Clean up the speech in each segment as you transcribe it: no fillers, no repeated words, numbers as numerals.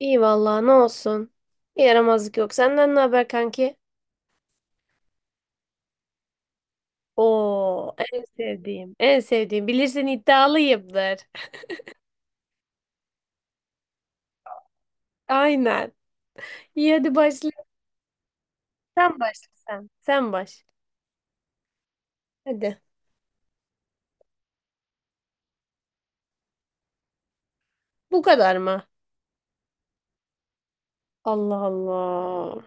İyi vallahi ne olsun. Bir Yaramazlık yok. Senden ne haber kanki? Oo, en sevdiğim. En sevdiğim. Bilirsin iddialıyımdır. Aynen. İyi hadi başla. Sen başla sen. Sen baş. Hadi. Bu kadar mı? Allah Allah.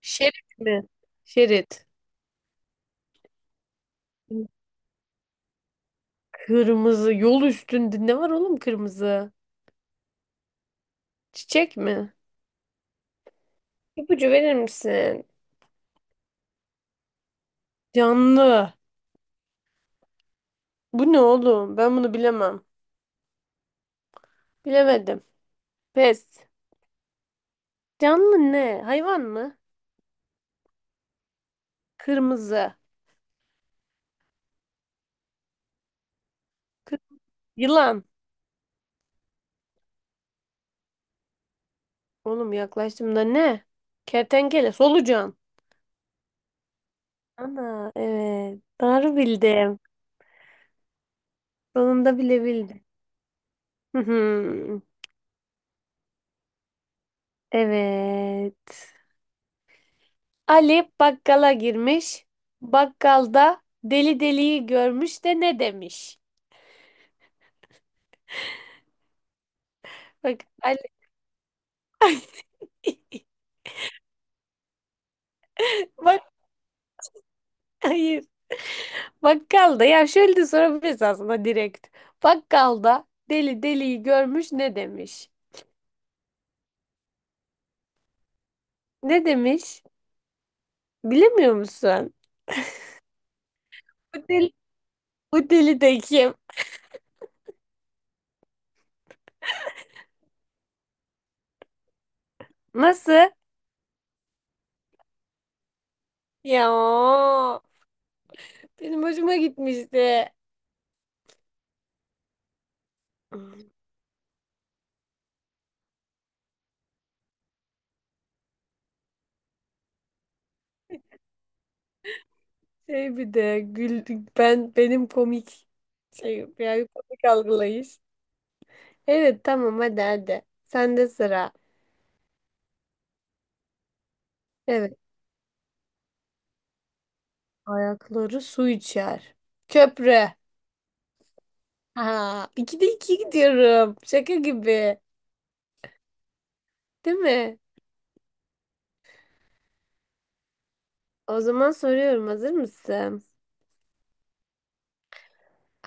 Şerit mi? Şerit. Kırmızı. Yol üstünde ne var oğlum kırmızı? Çiçek mi? İpucu verir misin? Canlı. Bu ne oğlum? Ben bunu bilemem. Bilemedim. Pes. Canlı ne? Hayvan mı? Kırmızı. Kır- Yılan. Oğlum yaklaştım da ne? Kertenkele, solucan. Ana evet. Doğru bildim. Sonunda bile bildim. Hı hı. Evet. Ali bakkala girmiş. Bakkalda deli deliyi görmüş de ne demiş? Bak Ali bak hayır. Bakkalda ya şöyle de sorabiliriz aslında direkt. Bakkalda deli deliyi görmüş ne demiş? Ne demiş? Bilemiyor musun? Bu deli, bu deli de kim? Nasıl? Ya benim hoşuma gitmişti. Şey bir de gül, ben benim komik şey yani komik algılayış. Evet tamam hadi. Sende sıra. Evet. Ayakları su içer. Köprü. Ha, ikide iki gidiyorum. Şaka gibi. Değil mi? O zaman soruyorum, hazır mısın?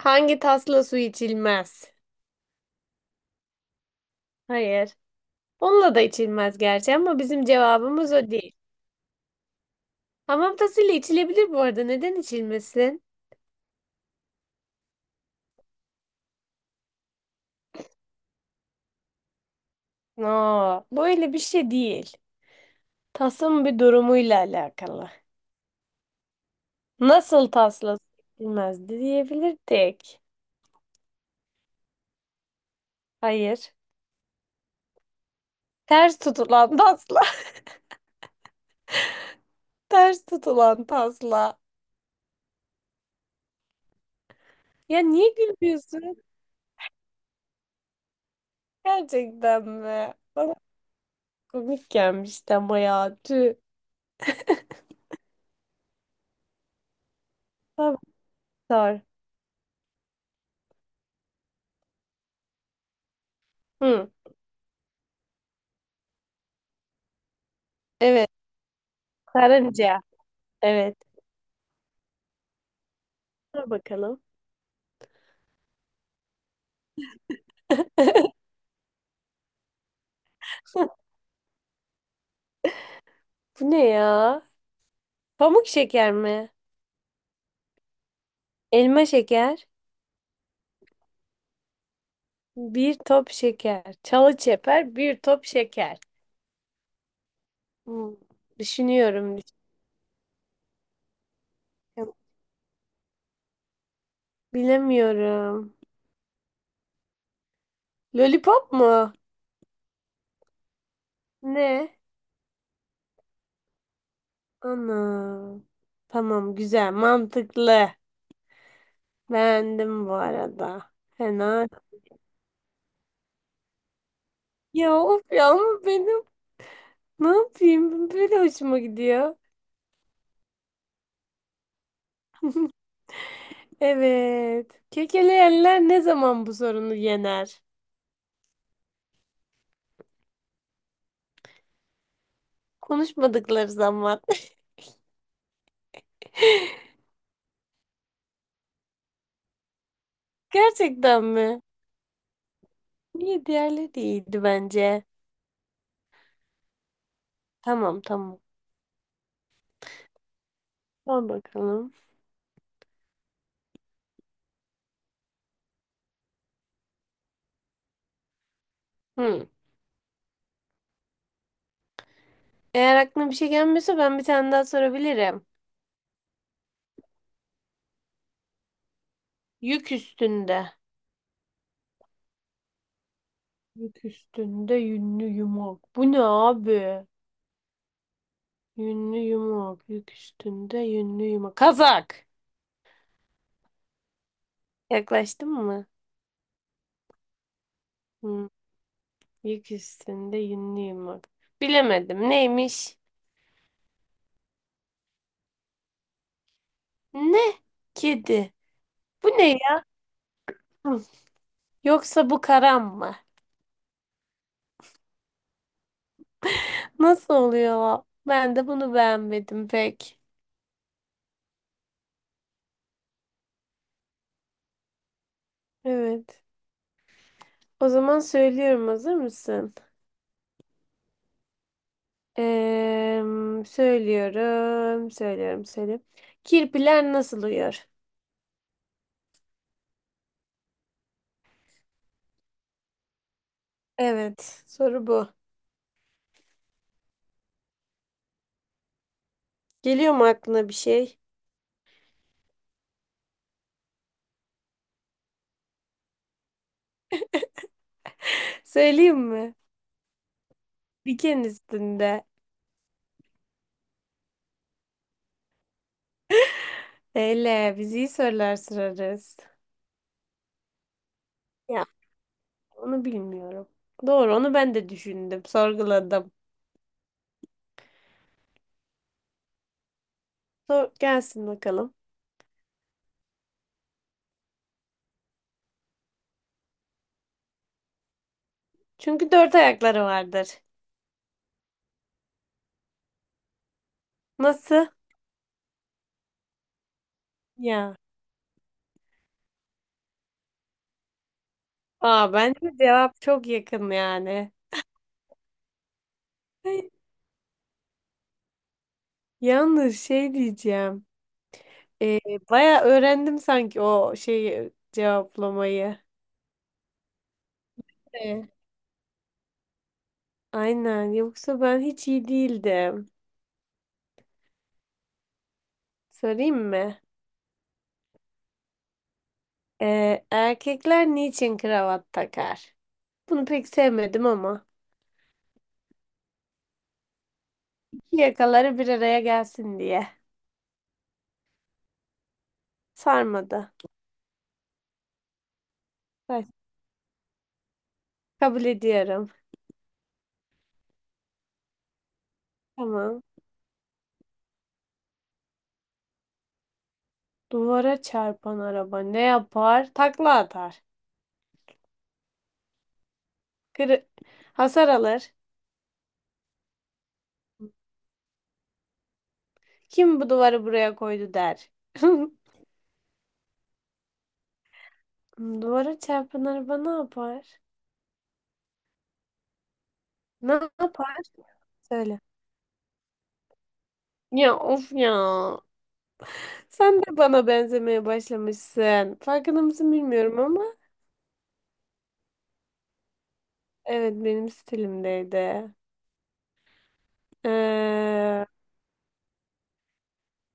Hangi tasla su içilmez? Hayır. Onunla da içilmez gerçi ama bizim cevabımız o değil. Hamam tasıyla içilebilir bu arada. Neden içilmesin? No, böyle bir şey değil. Tasın bir durumuyla alakalı. Nasıl tasla içilmezdi diyebilirdik. Hayır. Ters tutulan tasla. Ters tutulan tasla. Ya niye gülüyorsun? Gerçekten mi? Bana komik gelmişti ama ya. Tüh. Tabii sor. Hı. Evet. Karınca. Evet. Sor bakalım. Bu ne ya? Pamuk şeker mi? Elma şeker. Bir top şeker. Çalı çeper bir top şeker. Hmm, düşünüyorum, düşünüyorum. Bilemiyorum. Lollipop mu? Ne? Ana. Tamam güzel mantıklı. Beğendim bu arada. Fena. Ya of ya ama benim ne yapayım? Böyle hoşuma gidiyor. Evet. Kekeleyenler ne zaman bu sorunu yener? Konuşmadıkları zaman. Gerçekten mi? Niye diğerleri de iyiydi bence. Tamam. Al bakalım. Hı. Eğer aklına bir şey gelmiyorsa ben bir tane daha sorabilirim. Yük üstünde. Yük üstünde yünlü yumak. Bu ne abi? Yünlü yumak. Yük üstünde yünlü yumak. Kazak. Yaklaştın mı? Hı. Yük üstünde yünlü yumak. Bilemedim. Neymiş? Ne? Kedi. Bu ne ya? Yoksa bu karam mı? Nasıl oluyor? Ben de bunu beğenmedim pek. Evet. O zaman söylüyorum. Hazır mısın? Eee, söylüyorum, söylüyorum, söylüyorum. Kirpiler nasıl uyuyor? Evet, soru bu. Geliyor mu aklına bir şey? Söyleyeyim mi? Diken üstünde. Eyle, biz iyi sorular sorarız. Ya, onu bilmiyorum. Doğru, onu ben de düşündüm, sorguladım. Sor, gelsin bakalım. Çünkü dört ayakları vardır. Nasıl? Ya. Aa, bence cevap çok yakın yani. Ay, yalnız şey diyeceğim. Ee, baya öğrendim sanki o şeyi cevaplamayı. Ee, Aynen. Yoksa ben hiç iyi değildim. Sorayım mı? Erkekler niçin kravat takar? Bunu pek sevmedim ama. İki yakaları bir araya gelsin diye. Sarmadı. Ay, kabul ediyorum. Tamam. Duvara çarpan araba ne yapar? Takla atar. Kırı- Hasar alır. Kim bu duvarı buraya koydu der. Duvara çarpan araba ne yapar? Ne yapar? Söyle. Ya of ya. Sen de bana benzemeye başlamışsın. Farkında mısın bilmiyorum ama evet benim stilimdeydi. Ee,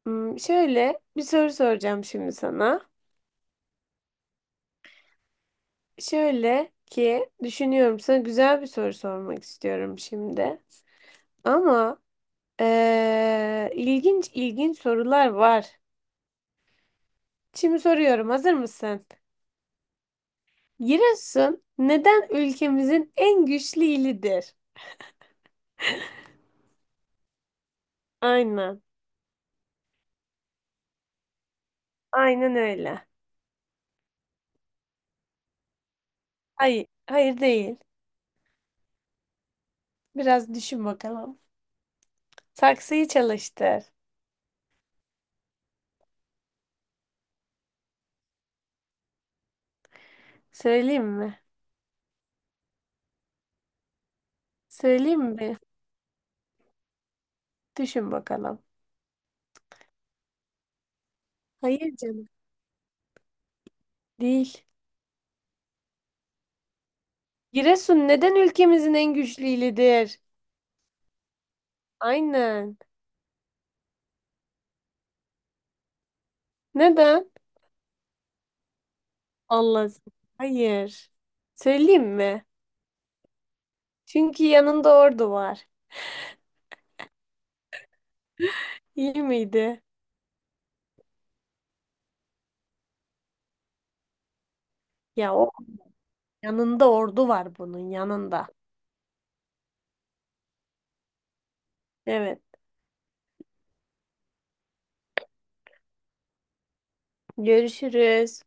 şöyle bir soru soracağım şimdi sana. Şöyle ki düşünüyorum sana güzel bir soru sormak istiyorum şimdi. Ama ilginç ilginç sorular var. Şimdi soruyorum, hazır mısın? Giresun neden ülkemizin en güçlü ilidir? Aynen. Aynen öyle. Hayır, hayır değil. Biraz düşün bakalım. Saksıyı çalıştır. Söyleyeyim mi? Söyleyeyim mi? Düşün bakalım. Hayır canım. Değil. Giresun neden ülkemizin en güçlü ilidir? Aynen. Neden? Allah. Hayır. Söyleyeyim mi? Çünkü yanında ordu var. İyi miydi? Ya o. Yanında ordu var bunun yanında. Evet. Görüşürüz.